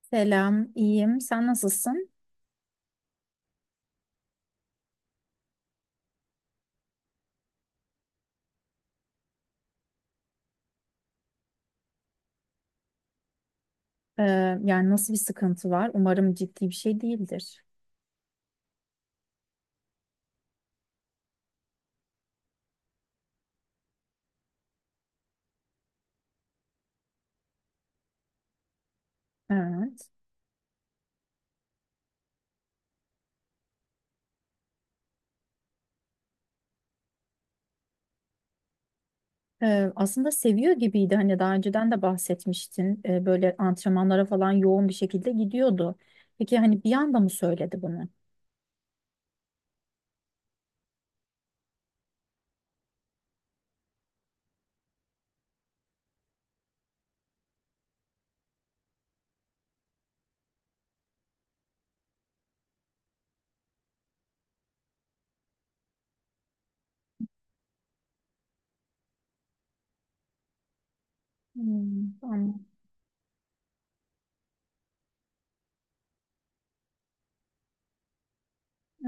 Selam, iyiyim. Sen nasılsın? Ee, Yani nasıl bir sıkıntı var? Umarım ciddi bir şey değildir. Evet. Aslında seviyor gibiydi. Hani daha önceden de bahsetmiştin. Böyle antrenmanlara falan yoğun bir şekilde gidiyordu. Peki hani bir anda mı söyledi bunu? Hmm, anladım.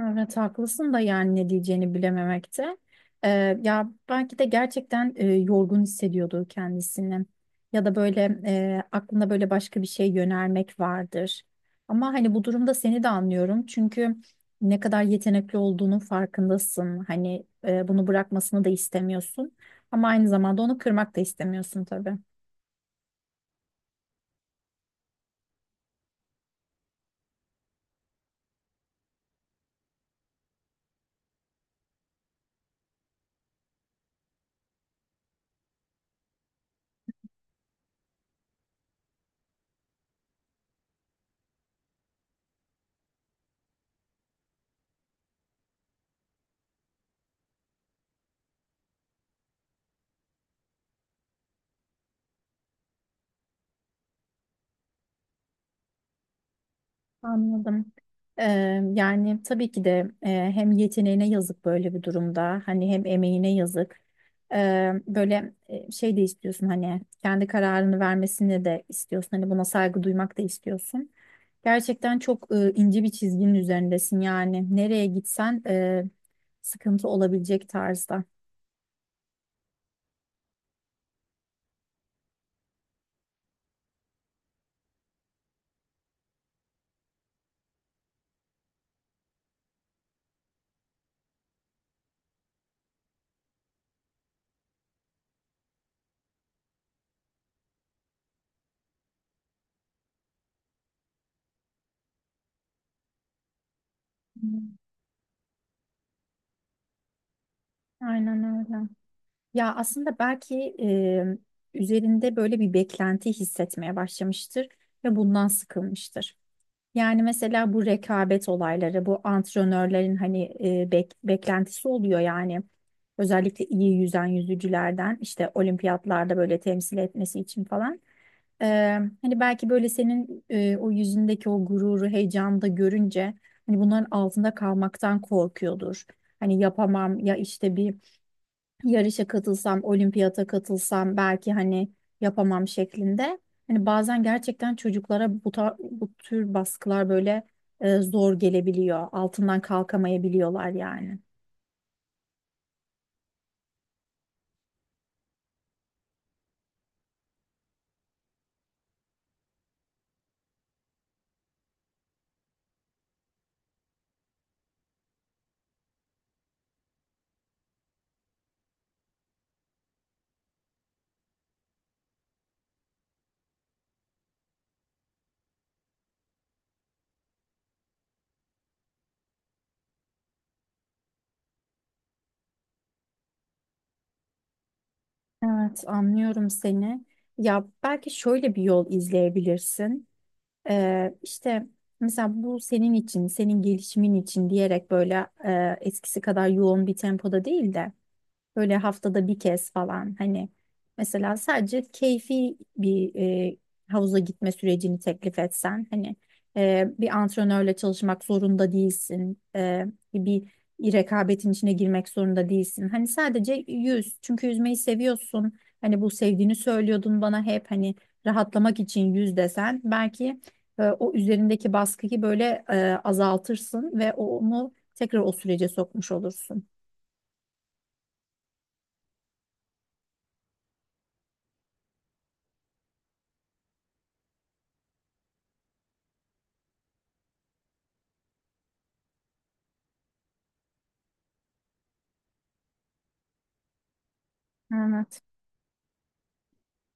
Evet haklısın da yani ne diyeceğini bilememekte. Ee, Ya belki de gerçekten yorgun hissediyordu kendisini. Ya da böyle aklında böyle başka bir şey yönelmek vardır. Ama hani bu durumda seni de anlıyorum. Çünkü ne kadar yetenekli olduğunun farkındasın. Hani bunu bırakmasını da istemiyorsun. Ama aynı zamanda onu kırmak da istemiyorsun tabii. Anladım. Yani tabii ki de hem yeteneğine yazık böyle bir durumda hani hem emeğine yazık. Böyle şey de istiyorsun hani kendi kararını vermesini de istiyorsun hani buna saygı duymak da istiyorsun. Gerçekten çok ince bir çizginin üzerindesin yani nereye gitsen sıkıntı olabilecek tarzda. Hmm. Aynen öyle. Ya aslında belki üzerinde böyle bir beklenti hissetmeye başlamıştır ve bundan sıkılmıştır. Yani mesela bu rekabet olayları, bu antrenörlerin hani beklentisi oluyor yani. Özellikle iyi yüzen yüzücülerden işte olimpiyatlarda böyle temsil etmesi için falan. Ee, Hani belki böyle senin o yüzündeki o gururu, heyecanı da görünce hani bunların altında kalmaktan korkuyordur. Hani yapamam ya işte bir yarışa katılsam, olimpiyata katılsam belki hani yapamam şeklinde. Hani bazen gerçekten çocuklara bu tür baskılar böyle zor gelebiliyor. Altından kalkamayabiliyorlar yani. Evet, anlıyorum seni. Ya belki şöyle bir yol izleyebilirsin. İşte mesela bu senin için, senin gelişimin için diyerek böyle eskisi kadar yoğun bir tempoda değil de böyle haftada bir kez falan hani mesela sadece keyfi bir e, havuza gitme sürecini teklif etsen hani bir antrenörle çalışmak zorunda değilsin. Bir rekabetin içine girmek zorunda değilsin. Hani sadece yüz çünkü yüzmeyi seviyorsun. Hani bu sevdiğini söylüyordun bana hep hani rahatlamak için yüz desen belki o üzerindeki baskıyı böyle azaltırsın ve onu tekrar o sürece sokmuş olursun.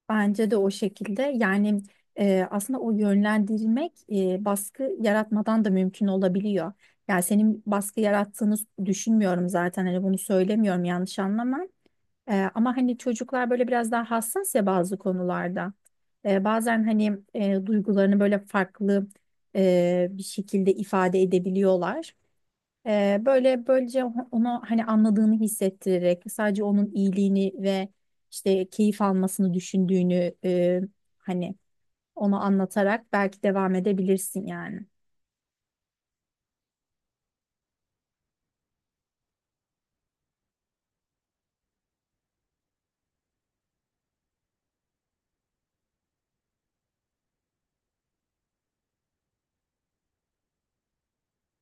Bence de o şekilde. Yani aslında o yönlendirmek baskı yaratmadan da mümkün olabiliyor. Yani senin baskı yarattığını düşünmüyorum zaten. Hani bunu söylemiyorum, yanlış anlama. Ama hani çocuklar böyle biraz daha hassas ya bazı konularda. Bazen hani duygularını böyle farklı bir şekilde ifade edebiliyorlar. Böyle böylece ona hani anladığını hissettirerek sadece onun iyiliğini ve işte keyif almasını düşündüğünü hani ona anlatarak belki devam edebilirsin yani.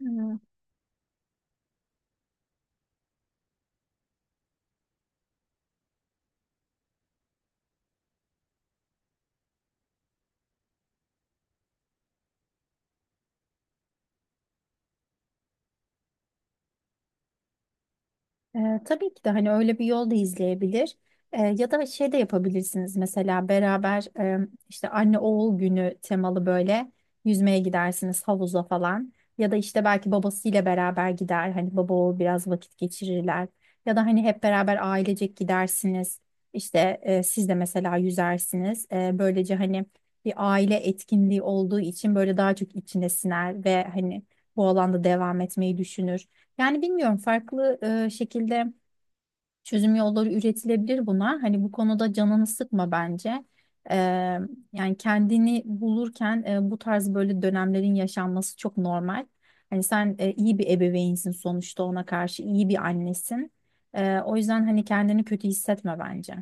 Hmm. Tabii ki de hani öyle bir yol da izleyebilir. Ya da şey de yapabilirsiniz mesela beraber işte anne oğul günü temalı böyle yüzmeye gidersiniz havuza falan. Ya da işte belki babasıyla beraber gider hani baba oğul biraz vakit geçirirler. Ya da hani hep beraber ailecek gidersiniz. İşte siz de mesela yüzersiniz. Böylece hani bir aile etkinliği olduğu için böyle daha çok içine siner ve hani bu alanda devam etmeyi düşünür. Yani bilmiyorum, farklı şekilde çözüm yolları üretilebilir buna. Hani bu konuda canını sıkma bence. E, Yani kendini bulurken bu tarz böyle dönemlerin yaşanması çok normal. Hani sen iyi bir ebeveynsin sonuçta, ona karşı iyi bir annesin. O yüzden hani kendini kötü hissetme bence.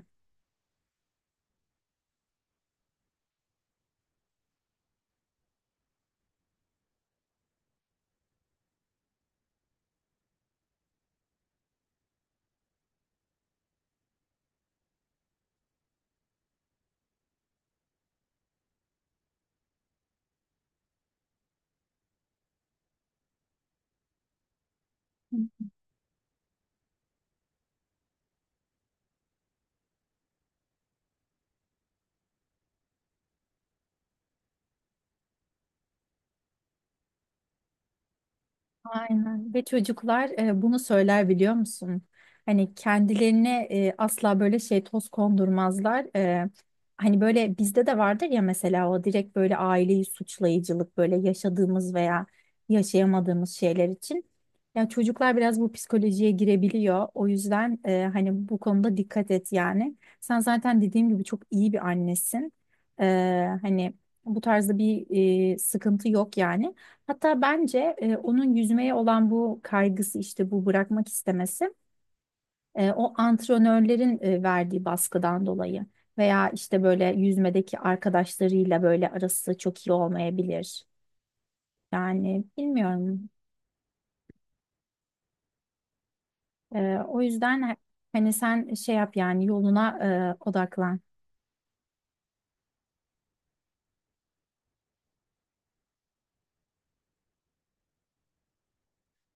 Hı. Aynen. Ve çocuklar bunu söyler biliyor musun? Hani kendilerine asla böyle şey toz kondurmazlar. Hani böyle bizde de vardır ya, mesela o direkt böyle aileyi suçlayıcılık böyle yaşadığımız veya yaşayamadığımız şeyler için. Ya çocuklar biraz bu psikolojiye girebiliyor. O yüzden hani bu konuda dikkat et yani. Sen zaten dediğim gibi çok iyi bir annesin. E, Hani bu tarzda bir sıkıntı yok yani. Hatta bence onun yüzmeye olan bu kaygısı, işte bu bırakmak istemesi o antrenörlerin verdiği baskıdan dolayı veya işte böyle yüzmedeki arkadaşlarıyla böyle arası çok iyi olmayabilir. Yani bilmiyorum. E, o yüzden he- Hani sen şey yap yani yoluna odaklan.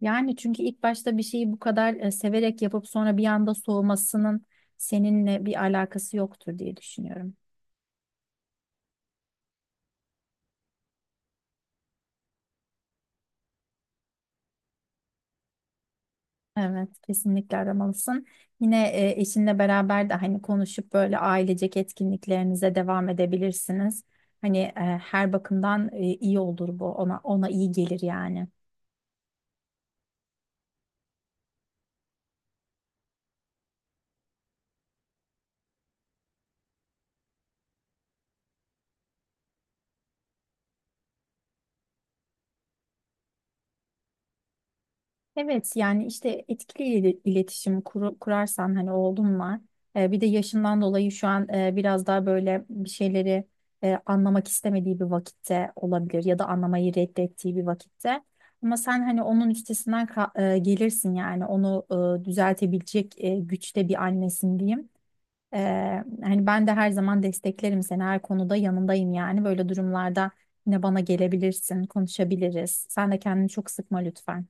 Yani çünkü ilk başta bir şeyi bu kadar severek yapıp sonra bir anda soğumasının seninle bir alakası yoktur diye düşünüyorum. Evet, kesinlikle aramalısın. Yine eşinle beraber de hani konuşup böyle ailecek etkinliklerinize devam edebilirsiniz. Hani her bakımdan iyi olur bu. Ona iyi gelir yani. Evet yani işte kurarsan hani oğlum var. Bir de yaşından dolayı şu an biraz daha böyle bir şeyleri anlamak istemediği bir vakitte olabilir ya da anlamayı reddettiği bir vakitte. Ama sen hani onun üstesinden ka- e, gelirsin yani onu düzeltebilecek güçte bir annesin diyeyim. Hani ben de her zaman desteklerim seni, her konuda yanındayım yani böyle durumlarda yine bana gelebilirsin, konuşabiliriz. Sen de kendini çok sıkma lütfen.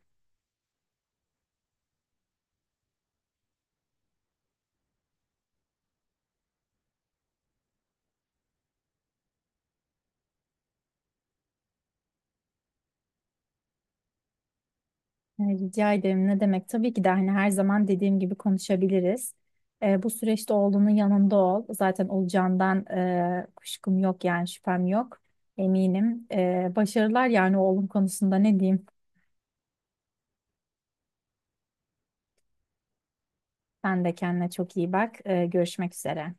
Rica ederim. Ne demek? Tabii ki de hani her zaman dediğim gibi konuşabiliriz. Bu süreçte oğlunun yanında ol. Zaten olacağından kuşkum yok yani, şüphem yok. Eminim. Başarılar yani oğlum konusunda, ne diyeyim? Sen de kendine çok iyi bak. Görüşmek üzere.